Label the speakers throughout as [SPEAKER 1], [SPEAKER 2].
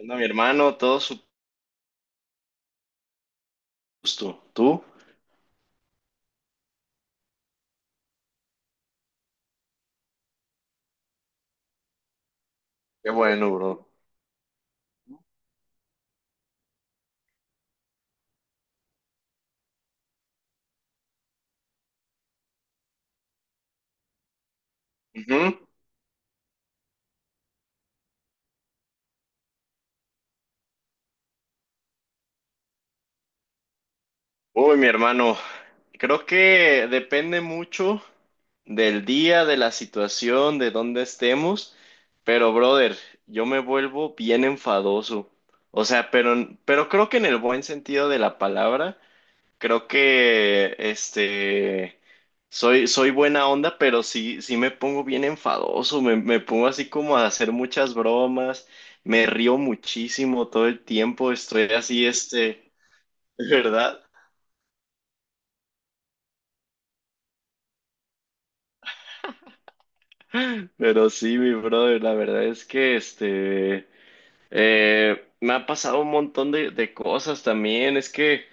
[SPEAKER 1] Anda, mi hermano, todo su gusto. ¿Tú? Qué bueno, bro. Ujú. Uy, mi hermano, creo que depende mucho del día, de la situación, de dónde estemos, pero brother, yo me vuelvo bien enfadoso. O sea, pero creo que en el buen sentido de la palabra. Creo que soy buena onda, pero sí, sí me pongo bien enfadoso, me pongo así como a hacer muchas bromas, me río muchísimo todo el tiempo, estoy así, ¿verdad? Pero sí, mi brother, la verdad es que me ha pasado un montón de cosas también, es que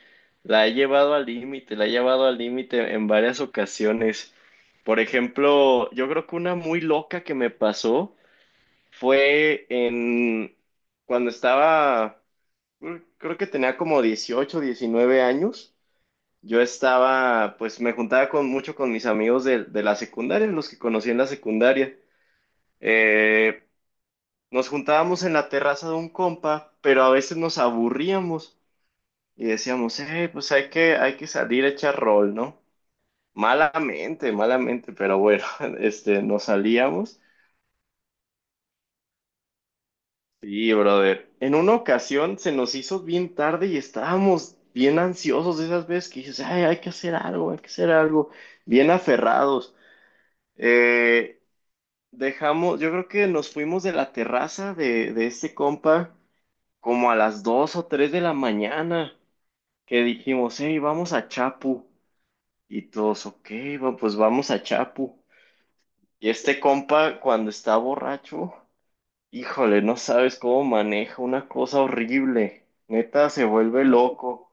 [SPEAKER 1] la he llevado al límite, la he llevado al límite en varias ocasiones. Por ejemplo, yo creo que una muy loca que me pasó fue en cuando estaba, creo que tenía como 18 o 19 años. Yo estaba, pues me juntaba con mucho con mis amigos de la secundaria, los que conocí en la secundaria. Eh, nos juntábamos en la terraza de un compa, pero a veces nos aburríamos y decíamos, pues hay que salir a echar rol, ¿no? Malamente, malamente, pero bueno, nos salíamos. Sí, brother. En una ocasión se nos hizo bien tarde y estábamos bien ansiosos de esas veces que dices, ay, hay que hacer algo, hay que hacer algo, bien aferrados. Eh, dejamos, yo creo que nos fuimos de la terraza de este compa como a las 2 o 3 de la mañana, que dijimos, hey, vamos a Chapu. Y todos, ok, pues vamos a Chapu. Y este compa, cuando está borracho, híjole, no sabes cómo maneja. Una cosa horrible. Neta, se vuelve loco.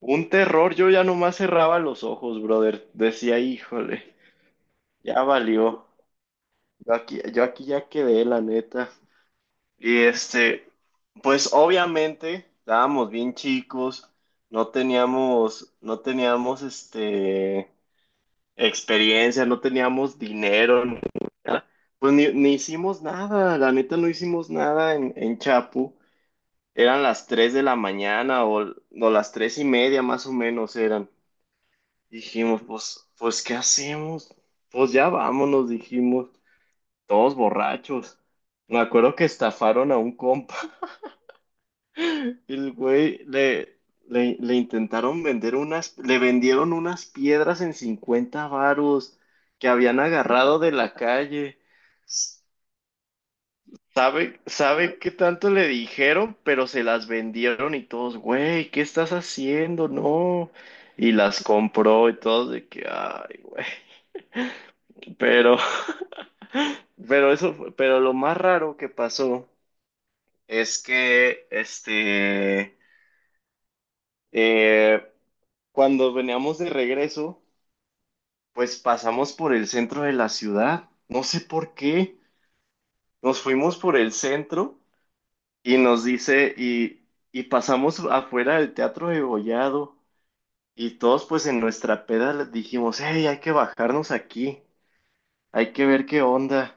[SPEAKER 1] Un terror, yo ya nomás cerraba los ojos, brother. Decía, híjole, ya valió. Yo aquí ya quedé, la neta. Y pues obviamente estábamos bien chicos, no teníamos experiencia, no teníamos dinero, ni nada. Pues ni hicimos nada, la neta no hicimos nada en, en Chapu. Eran las 3 de la mañana o las 3 y media más o menos eran. Dijimos, pues, ¿qué hacemos? Pues ya vámonos, dijimos, todos borrachos. Me acuerdo que estafaron a un compa. El güey le intentaron le vendieron unas piedras en 50 varos que habían agarrado de la calle. Sabe qué tanto le dijeron? Pero se las vendieron y todos, güey, ¿qué estás haciendo? No. Y las compró y todos de que, ay, güey. Pero, pero lo más raro que pasó es que, eh, cuando veníamos de regreso, pues pasamos por el centro de la ciudad. No sé por qué. Nos fuimos por el centro y y pasamos afuera del Teatro de y todos pues en nuestra peda les dijimos, hey, hay que bajarnos aquí, hay que ver qué onda,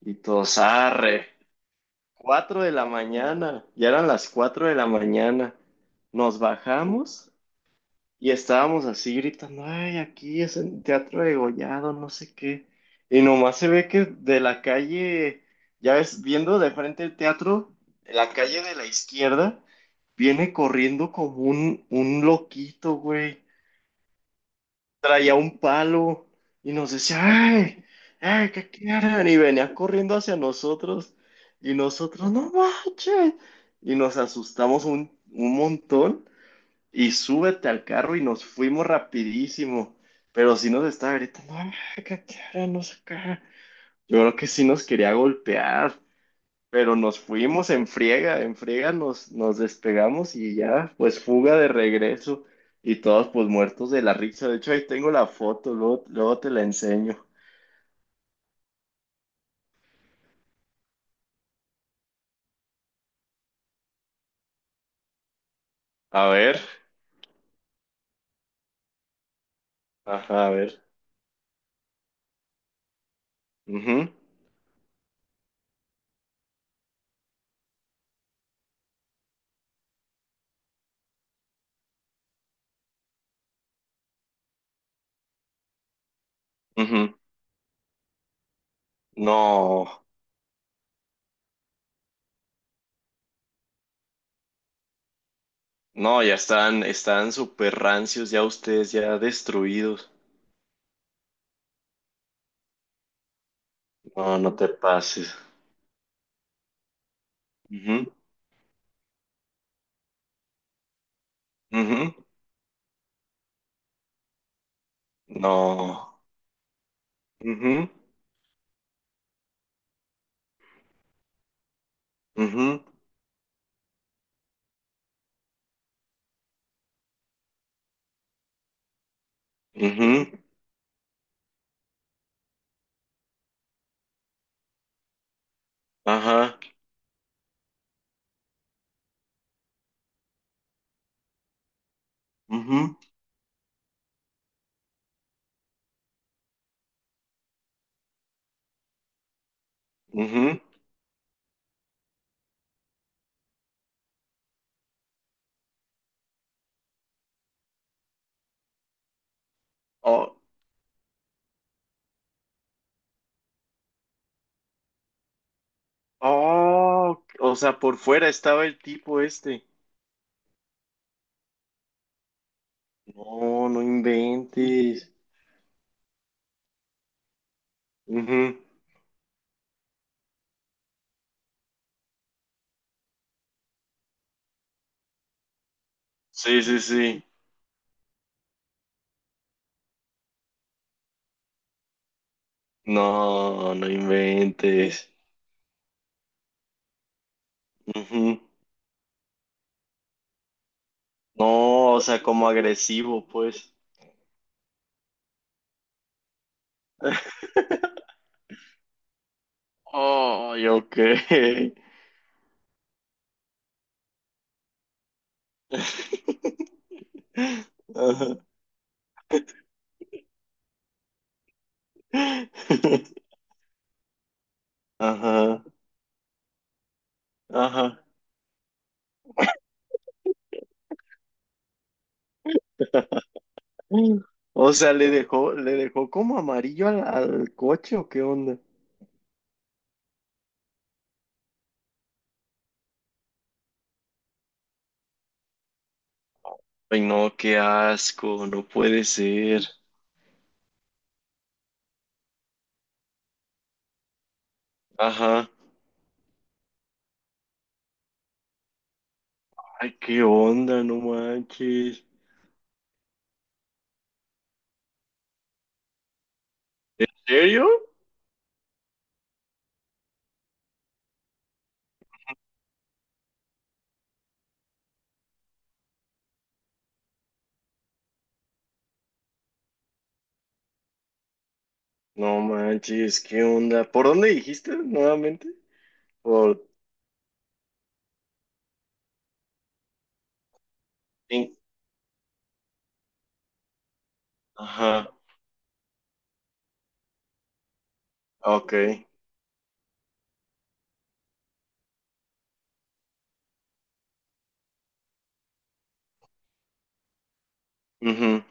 [SPEAKER 1] y todos, arre, 4 de la mañana, ya eran las 4 de la mañana, nos bajamos. Y estábamos así gritando, ay, aquí es el Teatro Degollado, no sé qué. Y nomás se ve que de la calle, ya ves, viendo de frente el teatro, la calle de la izquierda, viene corriendo como un loquito, güey. Traía un palo y nos decía, ay, ay, ¿qué quieren? Y venía corriendo hacia nosotros. Y nosotros, no manches. Y nos asustamos un montón. Y súbete al carro y nos fuimos rapidísimo. Pero sí nos estaba gritando, "Ah, acá, qué hora no sé acá". Yo creo que sí nos quería golpear, pero nos fuimos en friega nos despegamos y ya, pues fuga de regreso. Y todos pues muertos de la risa. De hecho, ahí tengo la foto, luego, luego te la enseño. A ver, ajá, a ver. Ujú, ujú. No, no, ya están, están súper rancios, ya ustedes ya destruidos. No, no te pases. Ujú, ujú. No. Ujú, ujú, ujú. Ajá. Ujú, ujú. Oh, oh, o sea, por fuera estaba el tipo este. No, no inventes. Ujú. Sí, sí, sí. No, no inventes. Ujú. No, o sea, como agresivo, pues. Oh, ok. Ajá. Ajá. Ajá. O sea, le dejó como amarillo al, al coche o qué onda. Ay, no, qué asco, no puede ser. Ajá. Ay, qué onda, no manches. ¿En serio? No manches, qué onda. ¿Por dónde dijiste nuevamente? Por Tin- ajá, ok. Ujú.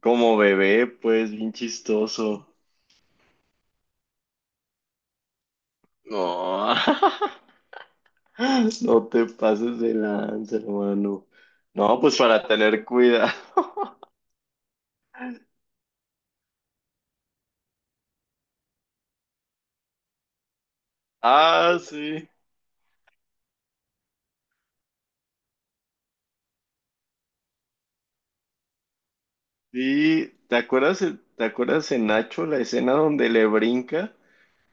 [SPEAKER 1] Como bebé, pues, bien chistoso. No, no te pases de lanza, hermano. No, pues para tener cuidado. Ah, sí. Sí, ¿te acuerdas en Nacho la escena donde le brinca?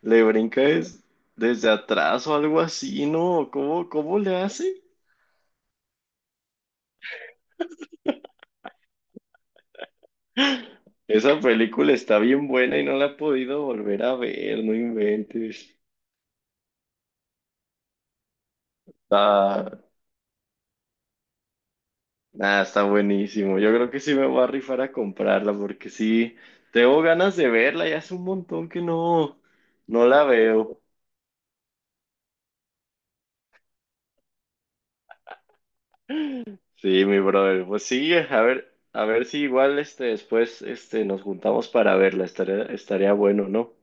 [SPEAKER 1] Le brinca desde atrás o algo así, ¿no? Cómo le hace? Esa película está bien buena y no la he podido volver a ver, no inventes. Está, nada, está buenísimo. Yo creo que sí me voy a rifar a comprarla porque sí, tengo ganas de verla y hace un montón que no, no la veo. Sí, mi brother. Pues sí, a ver si igual después nos juntamos para verla. Estaría bueno, ¿no?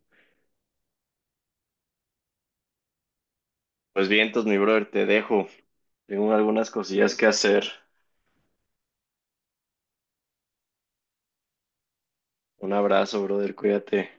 [SPEAKER 1] Pues bien, entonces, mi brother, te dejo. Tengo algunas cosillas que hacer. Un abrazo, brother, cuídate.